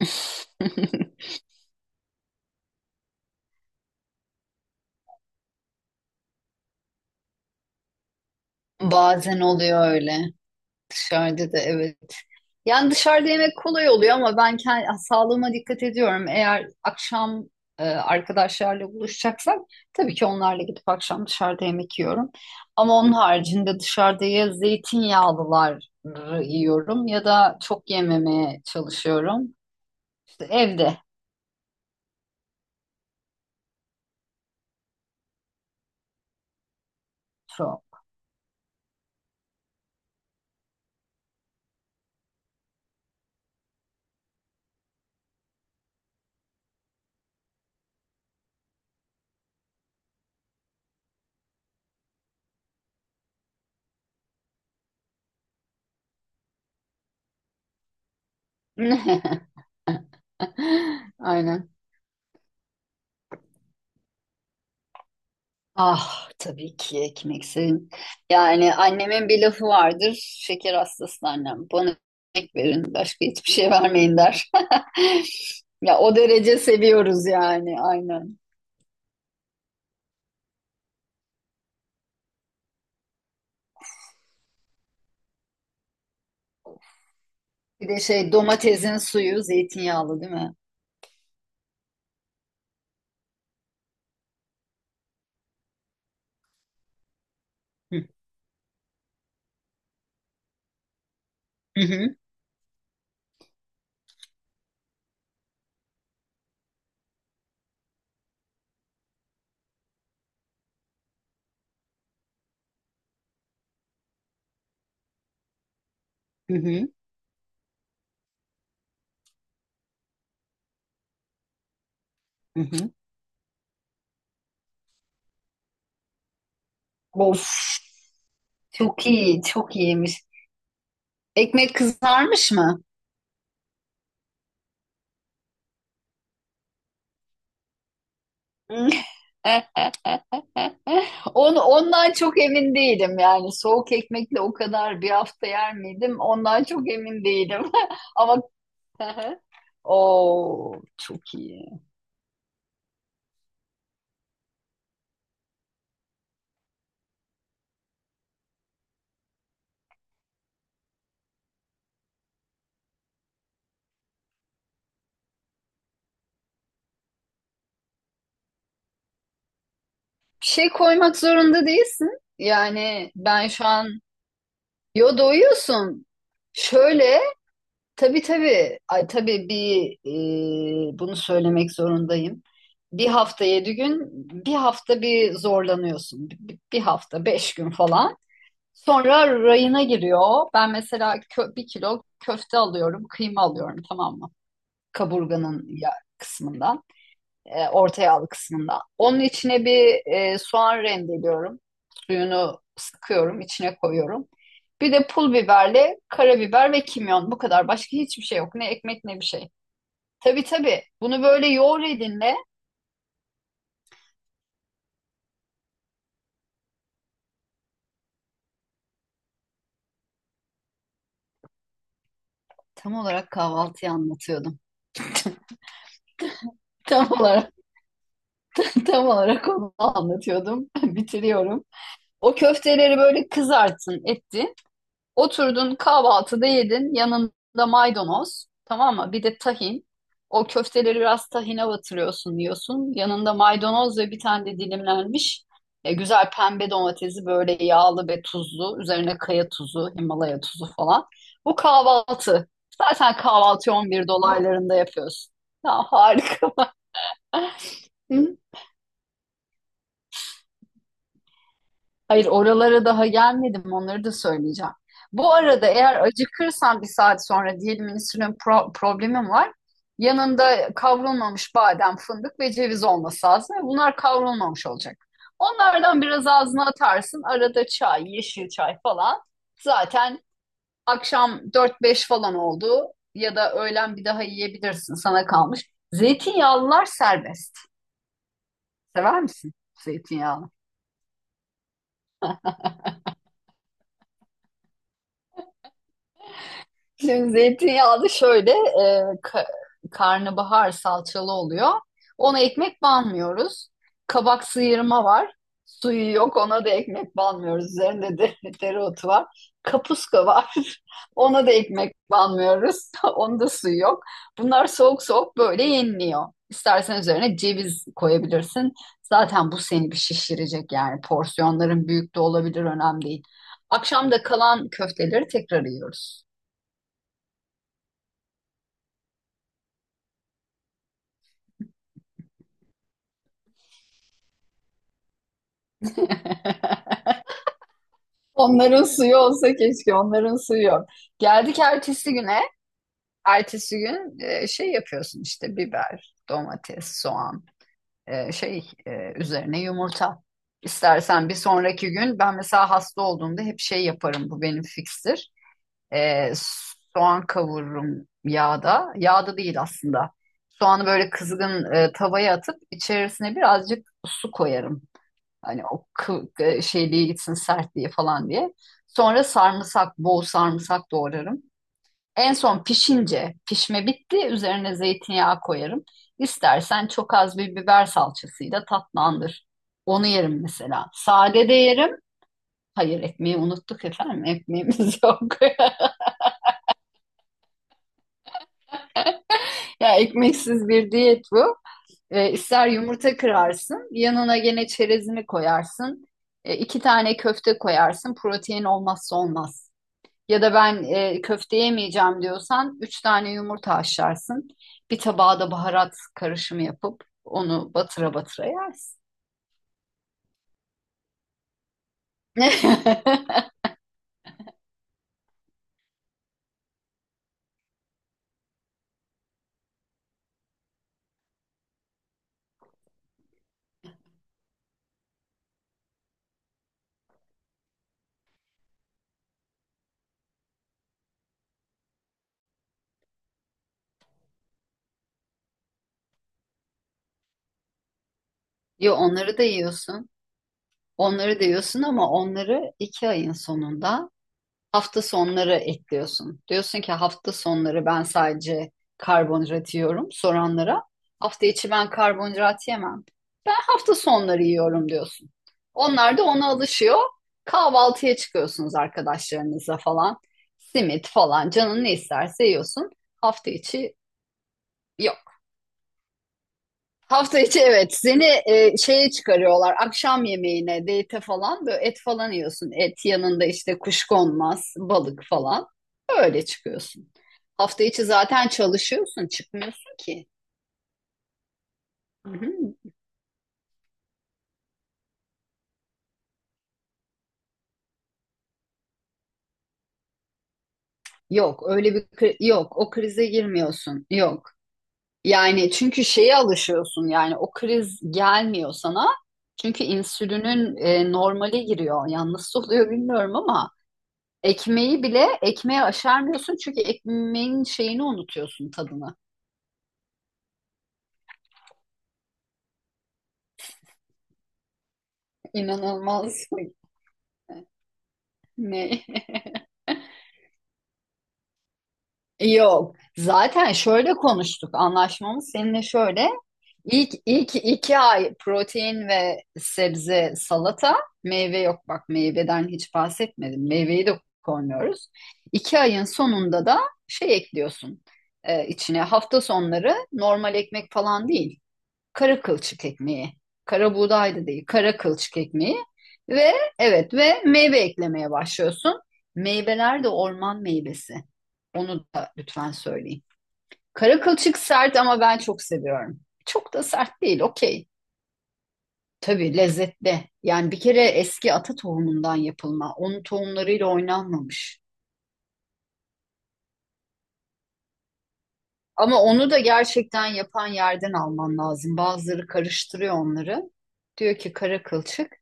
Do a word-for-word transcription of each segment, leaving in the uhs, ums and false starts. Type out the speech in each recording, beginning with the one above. Bazen oluyor öyle. Dışarıda da evet. Yani dışarıda yemek kolay oluyor ama ben kendi sağlığıma dikkat ediyorum. Eğer akşam e, arkadaşlarla buluşacaksak tabii ki onlarla gidip akşam dışarıda yemek yiyorum. Ama onun haricinde dışarıda ya zeytinyağlılar yiyorum ya da çok yememeye çalışıyorum. İşte evde çok. Aynen. Ah, tabii ki ekmeksin. Yani annemin bir lafı vardır. Şeker hastası annem. "Bana ekmek verin. Başka hiçbir şey vermeyin," der. Ya o derece seviyoruz yani, aynen. Bir de şey, domatesin suyu zeytinyağlı değil mi? Hı hı hı hı. Hı hı. Of, çok iyi, çok iyiymiş. Ekmek kızarmış mı? Eh, Onu, ondan çok emin değilim yani, soğuk ekmekle o kadar bir hafta yer miydim ondan çok emin değilim ama o çok iyi. Bir şey koymak zorunda değilsin yani. Ben şu an, yo, doyuyorsun, şöyle, tabii tabii, ay, tabii bir e, bunu söylemek zorundayım. Bir hafta yedi gün, bir hafta, bir zorlanıyorsun bir bir hafta beş gün falan. Sonra rayına giriyor. Ben mesela kö- bir kilo köfte alıyorum, kıyma alıyorum, tamam mı? Kaburganın ya kısmından, e, orta yağlı kısmından. Onun içine bir e, soğan rendeliyorum. Suyunu sıkıyorum, içine koyuyorum. Bir de pul biberle karabiber ve kimyon. Bu kadar. Başka hiçbir şey yok. Ne ekmek ne bir şey. Tabii tabii. Bunu böyle yoğur elinle, tam olarak kahvaltıyı anlatıyordum. Tam olarak tam olarak onu anlatıyordum. Bitiriyorum. O köfteleri böyle kızarttın, ettin. Oturdun, kahvaltıda yedin. Yanında maydanoz. Tamam mı? Bir de tahin. O köfteleri biraz tahine batırıyorsun, yiyorsun. Yanında maydanoz ve bir tane de dilimlenmiş e, güzel pembe domatesi, böyle yağlı ve tuzlu. Üzerine kaya tuzu, Himalaya tuzu falan. Bu kahvaltı. Zaten kahvaltıyı on bir dolaylarında yapıyorsun. Ya, harika. Hayır, oralara daha gelmedim, onları da söyleyeceğim. Bu arada eğer acıkırsan bir saat sonra diyelim, insülin pro- problemim var. Yanında kavrulmamış badem, fındık ve ceviz olması lazım. Bunlar kavrulmamış olacak. Onlardan biraz ağzına atarsın. Arada çay, yeşil çay falan. Zaten akşam dört beş falan oldu ya da öğlen bir daha yiyebilirsin, sana kalmış. Zeytinyağlılar serbest. Sever misin zeytinyağı? Şimdi zeytinyağı da şöyle e, ka- karnabahar salçalı oluyor. Ona ekmek banmıyoruz. Kabak sıyırma var. Suyu yok, ona da ekmek banmıyoruz. Üzerinde de dereotu var. Kapuska var. Ona da ekmek banmıyoruz. Onda da suyu yok. Bunlar soğuk soğuk böyle yeniliyor. İstersen üzerine ceviz koyabilirsin. Zaten bu seni bir şişirecek yani. Porsiyonların büyük de olabilir, önemli değil. Akşam da kalan köfteleri tekrar yiyoruz. Onların suyu olsa keşke, onların suyu yok. Geldik ertesi güne. Ertesi gün e, şey yapıyorsun işte: biber, domates, soğan, e, şey, e, üzerine yumurta. İstersen bir sonraki gün, ben mesela hasta olduğumda hep şey yaparım, bu benim fikstir. E, Soğan kavururum yağda. Yağda değil aslında. Soğanı böyle kızgın e, tavaya atıp içerisine birazcık su koyarım. Hani o kı- e, şeyliğe gitsin, sertliği falan diye. Sonra sarımsak, bol sarımsak doğrarım. En son pişince, pişme bitti, üzerine zeytinyağı koyarım. İstersen çok az bir biber salçasıyla tatlandır. Onu yerim mesela. Sade de yerim. Hayır, ekmeği unuttuk efendim. Ekmeğimiz yok. Ya, ekmeksiz bir diyet bu. E, ister yumurta kırarsın, yanına gene çerezini koyarsın. E, iki tane köfte koyarsın. Protein olmazsa olmaz. Ya da "Ben e, köfte yemeyeceğim," diyorsan üç tane yumurta haşlarsın. Bir tabağa da baharat karışımı yapıp onu batıra batıra yersin. Yo, onları da yiyorsun. Onları da yiyorsun ama onları iki ayın sonunda hafta sonları ekliyorsun. Diyorsun ki hafta sonları ben sadece karbonhidrat yiyorum soranlara. Hafta içi ben karbonhidrat yemem. Ben hafta sonları yiyorum diyorsun. Onlar da ona alışıyor. Kahvaltıya çıkıyorsunuz arkadaşlarınızla falan. Simit falan canın ne isterse yiyorsun. Hafta içi yok. Hafta içi evet, seni e, şeye çıkarıyorlar, akşam yemeğine, date falan, böyle et falan yiyorsun, et yanında işte kuşkonmaz, balık falan, öyle çıkıyorsun. Hafta içi zaten çalışıyorsun, çıkmıyorsun ki. Hı hı. Yok öyle bir kri- yok, o krize girmiyorsun, yok. Yani çünkü şeye alışıyorsun yani, o kriz gelmiyor sana. Çünkü insülinin e, normale giriyor. Yanlış oluyor bilmiyorum ama ekmeği bile, ekmeğe aşarmıyorsun çünkü ekmeğin şeyini unutuyorsun, tadını. İnanılmaz. Ne? Yok. Zaten şöyle konuştuk. Anlaşmamız seninle şöyle: İlk, ilk iki ay protein ve sebze salata. Meyve yok, bak, meyveden hiç bahsetmedim. Meyveyi de koymuyoruz. iki ayın sonunda da şey ekliyorsun e, içine. Hafta sonları normal ekmek falan değil. Kara kılçık ekmeği. Kara buğday da değil, kara kılçık ekmeği. Ve evet, ve meyve eklemeye başlıyorsun. Meyveler de orman meyvesi. Onu da lütfen söyleyin. Kara kılçık sert ama ben çok seviyorum. Çok da sert değil, okey. Tabii lezzetli. Yani bir kere eski ata tohumundan yapılma. Onun tohumlarıyla oynanmamış. Ama onu da gerçekten yapan yerden alman lazım. Bazıları karıştırıyor onları. Diyor ki kara kılçık.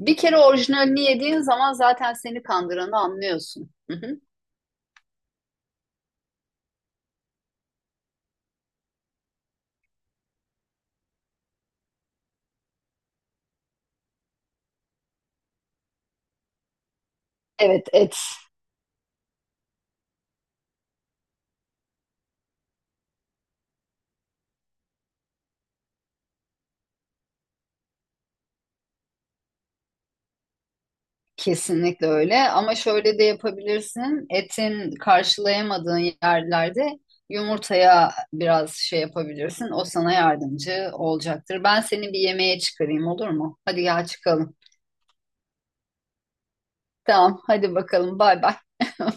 Bir kere orijinalini yediğin zaman zaten seni kandıranı anlıyorsun. Hı hı. Evet, et kesinlikle öyle ama şöyle de yapabilirsin. Etin karşılayamadığın yerlerde yumurtaya biraz şey yapabilirsin. O sana yardımcı olacaktır. Ben seni bir yemeğe çıkarayım, olur mu? Hadi gel, çıkalım. Tamam, hadi bakalım. Bay bay.